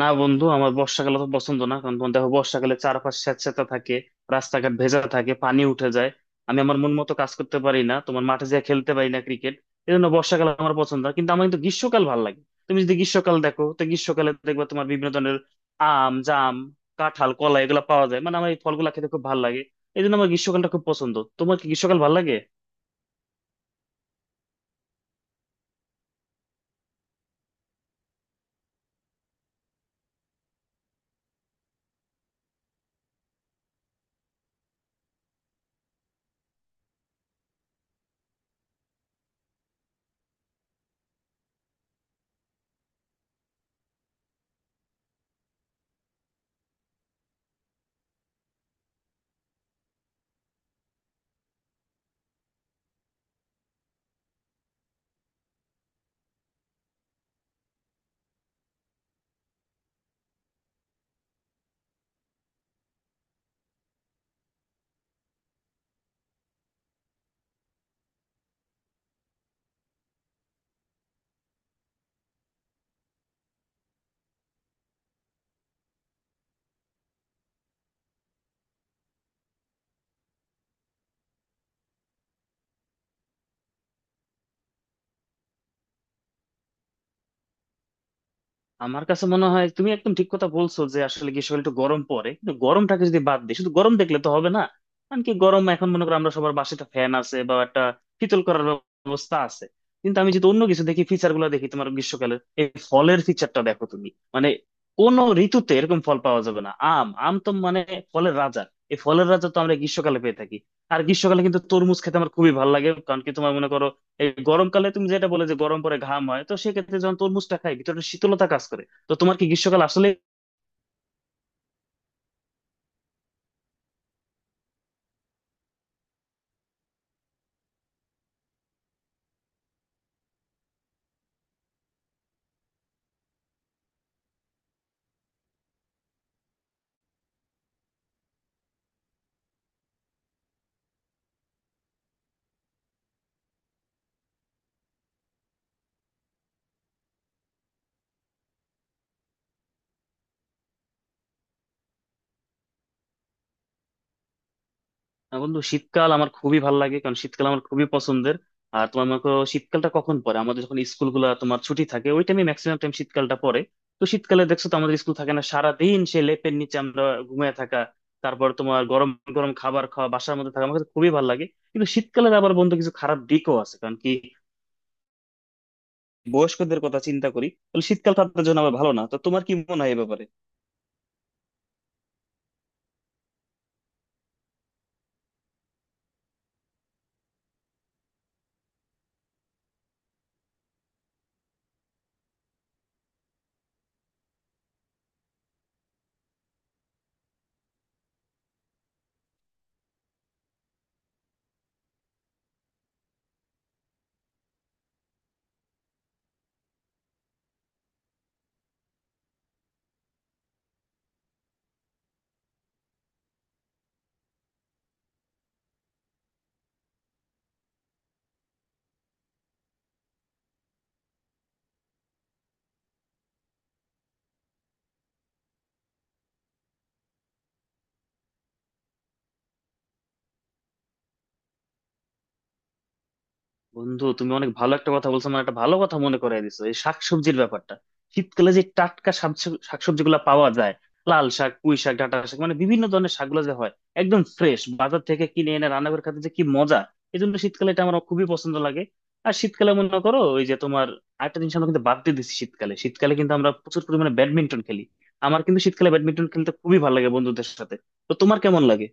না বন্ধু, আমার বর্ষাকাল তো পছন্দ না। কারণ বন্ধু দেখো, বর্ষাকালে চারপাশ স্যাঁতসেঁতে থাকে, রাস্তাঘাট ভেজা থাকে, পানি উঠে যায়। আমি আমার মন মতো কাজ করতে পারি না, তোমার মাঠে যেয়ে খেলতে পারি না ক্রিকেট। এই জন্য বর্ষাকাল আমার পছন্দ না, কিন্তু আমার কিন্তু গ্রীষ্মকাল ভালো লাগে। তুমি যদি গ্রীষ্মকাল দেখো, তো গ্রীষ্মকালে দেখবা তোমার বিভিন্ন ধরনের আম, জাম, কাঁঠাল, কলা এগুলো পাওয়া যায়। মানে আমার এই ফলগুলা খেতে খুব ভালো লাগে। এই জন্য আমার গ্রীষ্মকালটা খুব পছন্দ। তোমার কি গ্রীষ্মকাল ভালো লাগে? আমার কাছে মনে হয় তুমি একদম ঠিক কথা বলছো, যে আসলে গ্রীষ্মকালে একটু গরম পড়ে, কিন্তু গরমটাকে যদি বাদ দিই, শুধু গরম দেখলে তো হবে না। কারণ কি, গরম এখন মনে করো আমরা সবার বাসায় একটা ফ্যান আছে, বা একটা শীতল করার ব্যবস্থা আছে। কিন্তু আমি যদি অন্য কিছু দেখি, ফিচার গুলো দেখি, তোমার গ্রীষ্মকালে এই ফলের ফিচারটা দেখো তুমি। মানে কোন ঋতুতে এরকম ফল পাওয়া যাবে না। আম আম তো মানে ফলের রাজা। এই ফলের রাজা তো আমরা গ্রীষ্মকালে পেয়ে থাকি। আর গ্রীষ্মকালে কিন্তু তরমুজ খেতে আমার খুবই ভালো লাগে। কারণ কি, তোমার মনে করো এই গরমকালে তুমি যেটা বলে যে গরম পরে ঘাম হয়, তো সেক্ষেত্রে যখন তরমুজটা খাই, ভিতরে একটা শীতলতা কাজ করে। তো তোমার কি গ্রীষ্মকাল আসলে। বন্ধু, শীতকাল আমার খুবই ভালো লাগে, কারণ শীতকাল আমার খুবই পছন্দের। আর তোমার মনে করো, শীতকালটা কখন পড়ে, আমাদের যখন স্কুলগুলো তোমার ছুটি থাকে, ওই টাইমে ম্যাক্সিমাম টাইম শীতকালটা পড়ে। তো শীতকালে দেখছো তো আমাদের স্কুল থাকে না, সারাদিন সেই লেপের নিচে আমরা ঘুমিয়ে থাকা। তারপর তোমার গরম গরম খাবার খাওয়া, বাসার মধ্যে থাকা আমার কাছে খুবই ভালো লাগে। কিন্তু শীতকালের আবার বন্ধু কিছু খারাপ দিকও আছে। কারণ কি, বয়স্কদের কথা চিন্তা করি, তাহলে শীতকাল তাদের জন্য আবার ভালো না। তো তোমার কি মনে হয় এ ব্যাপারে? বন্ধু, তুমি অনেক ভালো একটা কথা বলছো, মানে একটা ভালো কথা মনে করাই দিছো, এই শাকসবজির ব্যাপারটা। শীতকালে যে টাটকা শাকসবজি গুলা পাওয়া যায়, লাল শাক, পুঁই শাক, ডাঁটা শাক, মানে বিভিন্ন ধরনের শাকগুলো যে হয়, একদম ফ্রেশ বাজার থেকে কিনে এনে রান্না করে খেতে যে কি মজা! এই জন্য শীতকালে এটা আমার খুবই পছন্দ লাগে। আর শীতকালে মনে করো ওই যে তোমার আরেকটা জিনিস আমরা কিন্তু বাদ দিয়ে দিচ্ছি, শীতকালে শীতকালে কিন্তু আমরা প্রচুর পরিমাণে ব্যাডমিন্টন খেলি। আমার কিন্তু শীতকালে ব্যাডমিন্টন খেলতে খুবই ভালো লাগে বন্ধুদের সাথে। তো তোমার কেমন লাগে?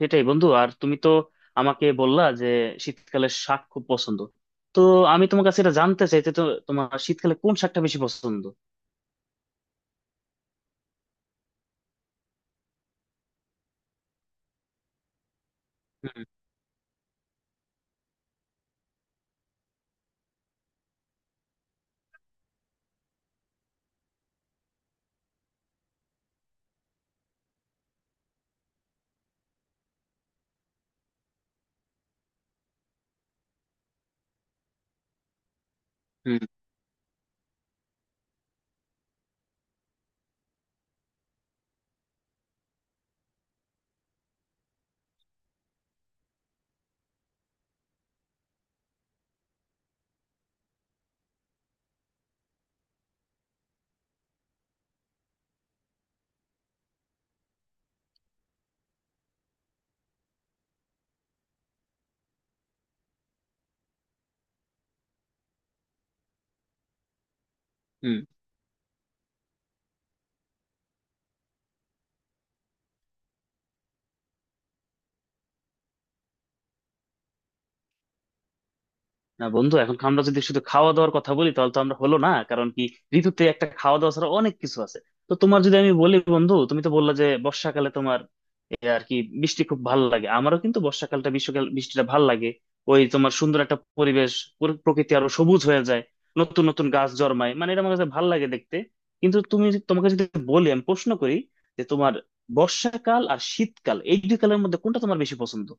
সেটাই বন্ধু। আর তুমি তো আমাকে বললা যে শীতকালে শাক খুব পছন্দ। তো আমি তোমার কাছে এটা জানতে চাই যে, তো তোমার শীতকালে কোন শাকটা বেশি পছন্দ? হুম, হুম, হুম। না বন্ধু, এখন আমরা যদি শুধু খাওয়া দাওয়ার কথা বলি, তাহলে তো আমরা হলো না। কারণ কি, ঋতুতে একটা খাওয়া দাওয়া ছাড়া অনেক কিছু আছে। তো তোমার যদি আমি বলি বন্ধু, তুমি তো বললা যে বর্ষাকালে তোমার এই আর কি বৃষ্টি খুব ভালো লাগে। আমারও কিন্তু বর্ষাকালটা, গ্রীষ্মকাল বৃষ্টিটা ভালো লাগে। ওই তোমার সুন্দর একটা পরিবেশ, পুরো প্রকৃতি আরো সবুজ হয়ে যায়, নতুন নতুন গাছ জন্মায়। মানে এটা আমার কাছে ভালো লাগে দেখতে। কিন্তু তুমি, তোমাকে যদি বলি, আমি প্রশ্ন করি যে তোমার বর্ষাকাল আর শীতকাল এই দুই কালের মধ্যে কোনটা তোমার বেশি পছন্দ?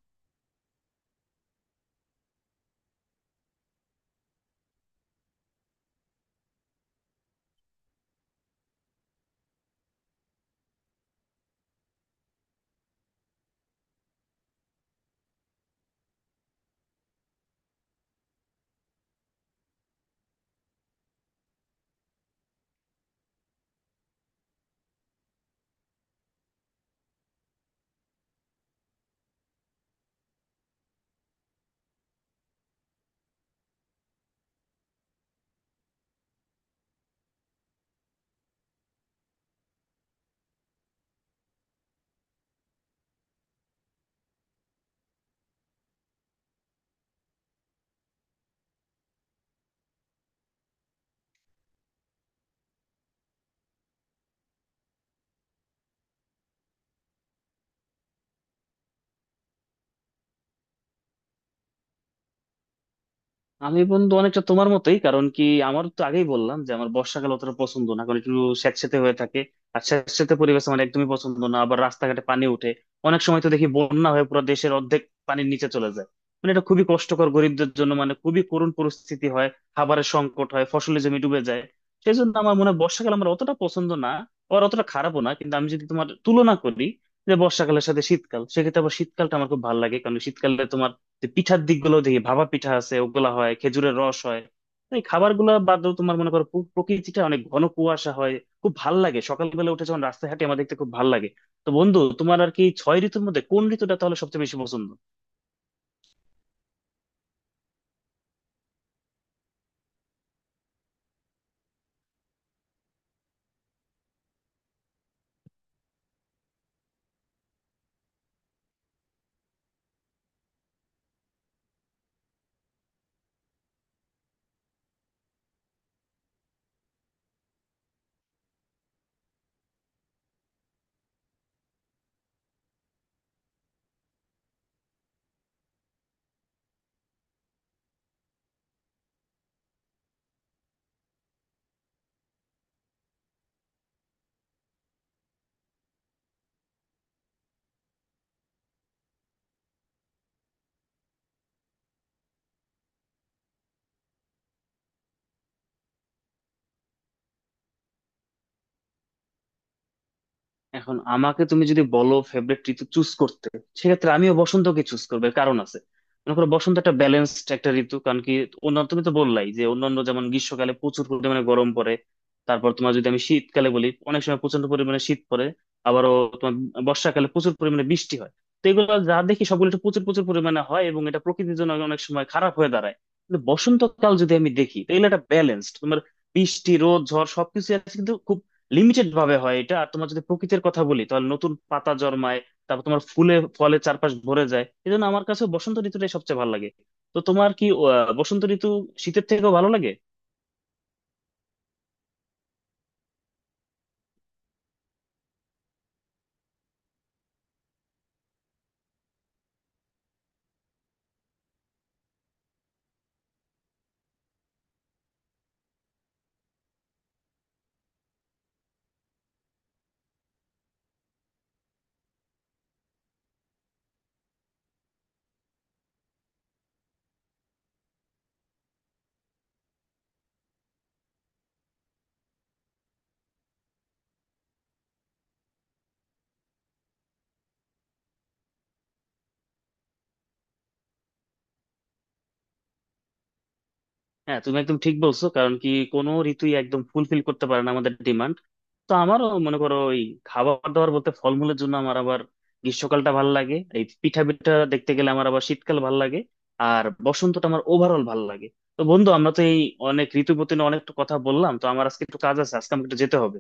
আমি বন্ধু অনেকটা তোমার মতোই। কারণ কি, আমার তো আগেই বললাম যে আমার বর্ষাকাল অতটা পছন্দ না, কারণ একটু স্যাঁতসেঁতে হয়ে থাকে। আর স্যাঁতসেঁতে পরিবেশ আমার একদমই পছন্দ না। আবার রাস্তাঘাটে পানি উঠে, অনেক সময় তো দেখি বন্যা হয়ে পুরো দেশের অর্ধেক পানির নিচে চলে যায়। মানে এটা খুবই কষ্টকর গরিবদের জন্য, মানে খুবই করুণ পরিস্থিতি হয়, খাবারের সংকট হয়, ফসলের জমি ডুবে যায়। সেই জন্য আমার মনে হয় বর্ষাকাল আমার অতটা পছন্দ না, আর অতটা খারাপও না। কিন্তু আমি যদি তোমার তুলনা করি, যে বর্ষাকালের সাথে শীতকাল, সেক্ষেত্রে আবার শীতকালটা আমার খুব ভালো লাগে। কারণ শীতকালে তোমার যে পিঠার দিকগুলো দেখি, ভাপা পিঠা আছে, ওগুলা হয়, খেজুরের রস হয়। এই খাবার গুলা বাদেও তোমার মনে করো প্রকৃতিটা অনেক ঘন কুয়াশা হয়, খুব ভাল লাগে। সকালবেলা উঠে যখন রাস্তায় হাঁটি, আমার দেখতে খুব ভাল লাগে। তো বন্ধু তোমার আর কি ছয় ঋতুর মধ্যে কোন ঋতুটা তাহলে সবচেয়ে বেশি পছন্দ? এখন আমাকে তুমি যদি বলো ফেভারিট ঋতু চুজ করতে, সেক্ষেত্রে আমিও বসন্তকে চুজ করবো। এর কারণ আছে। মনে করো বসন্ত একটা ব্যালেন্সড একটা ঋতু। কারণ কি, অন্য, তুমি তো বললাই যে অন্যান্য, যেমন গ্রীষ্মকালে প্রচুর পরিমাণে গরম পড়ে। তারপর তোমার যদি আমি শীতকালে বলি, অনেক সময় প্রচন্ড পরিমাণে শীত পড়ে। আবারও তোমার বর্ষাকালে প্রচুর পরিমাণে বৃষ্টি হয়। তো এগুলো যা দেখি সবগুলো একটু প্রচুর প্রচুর পরিমাণে হয়, এবং এটা প্রকৃতির জন্য অনেক সময় খারাপ হয়ে দাঁড়ায়। কিন্তু বসন্তকাল যদি আমি দেখি, তাহলে এটা ব্যালেন্সড তোমার বৃষ্টি, রোদ, ঝড় সবকিছু আছে, কিন্তু খুব লিমিটেড ভাবে হয় এটা। আর তোমার যদি প্রকৃতির কথা বলি, তাহলে নতুন পাতা জন্মায়, তারপর তোমার ফুলে ফলে চারপাশ ভরে যায়। এই জন্য আমার কাছে বসন্ত ঋতুটাই সবচেয়ে ভালো লাগে। তো তোমার কি বসন্ত ঋতু শীতের থেকেও ভালো লাগে? হ্যাঁ, তুমি একদম ঠিক বলছো। কারণ কি, কোনো ঋতুই একদম ফুলফিল করতে পারে না আমাদের ডিমান্ড। তো আমারও মনে করো ওই খাবার দাবার বলতে, ফলমূলের জন্য আমার আবার গ্রীষ্মকালটা ভালো লাগে। এই পিঠা পিঠা দেখতে গেলে আমার আবার শীতকাল ভালো লাগে। আর বসন্তটা আমার ওভারঅল ভালো লাগে। তো বন্ধু, আমরা তো এই অনেক ঋতু নিয়ে অনেক কথা বললাম। তো আমার আজকে একটু কাজ আছে, আজকে আমাকে একটু যেতে হবে।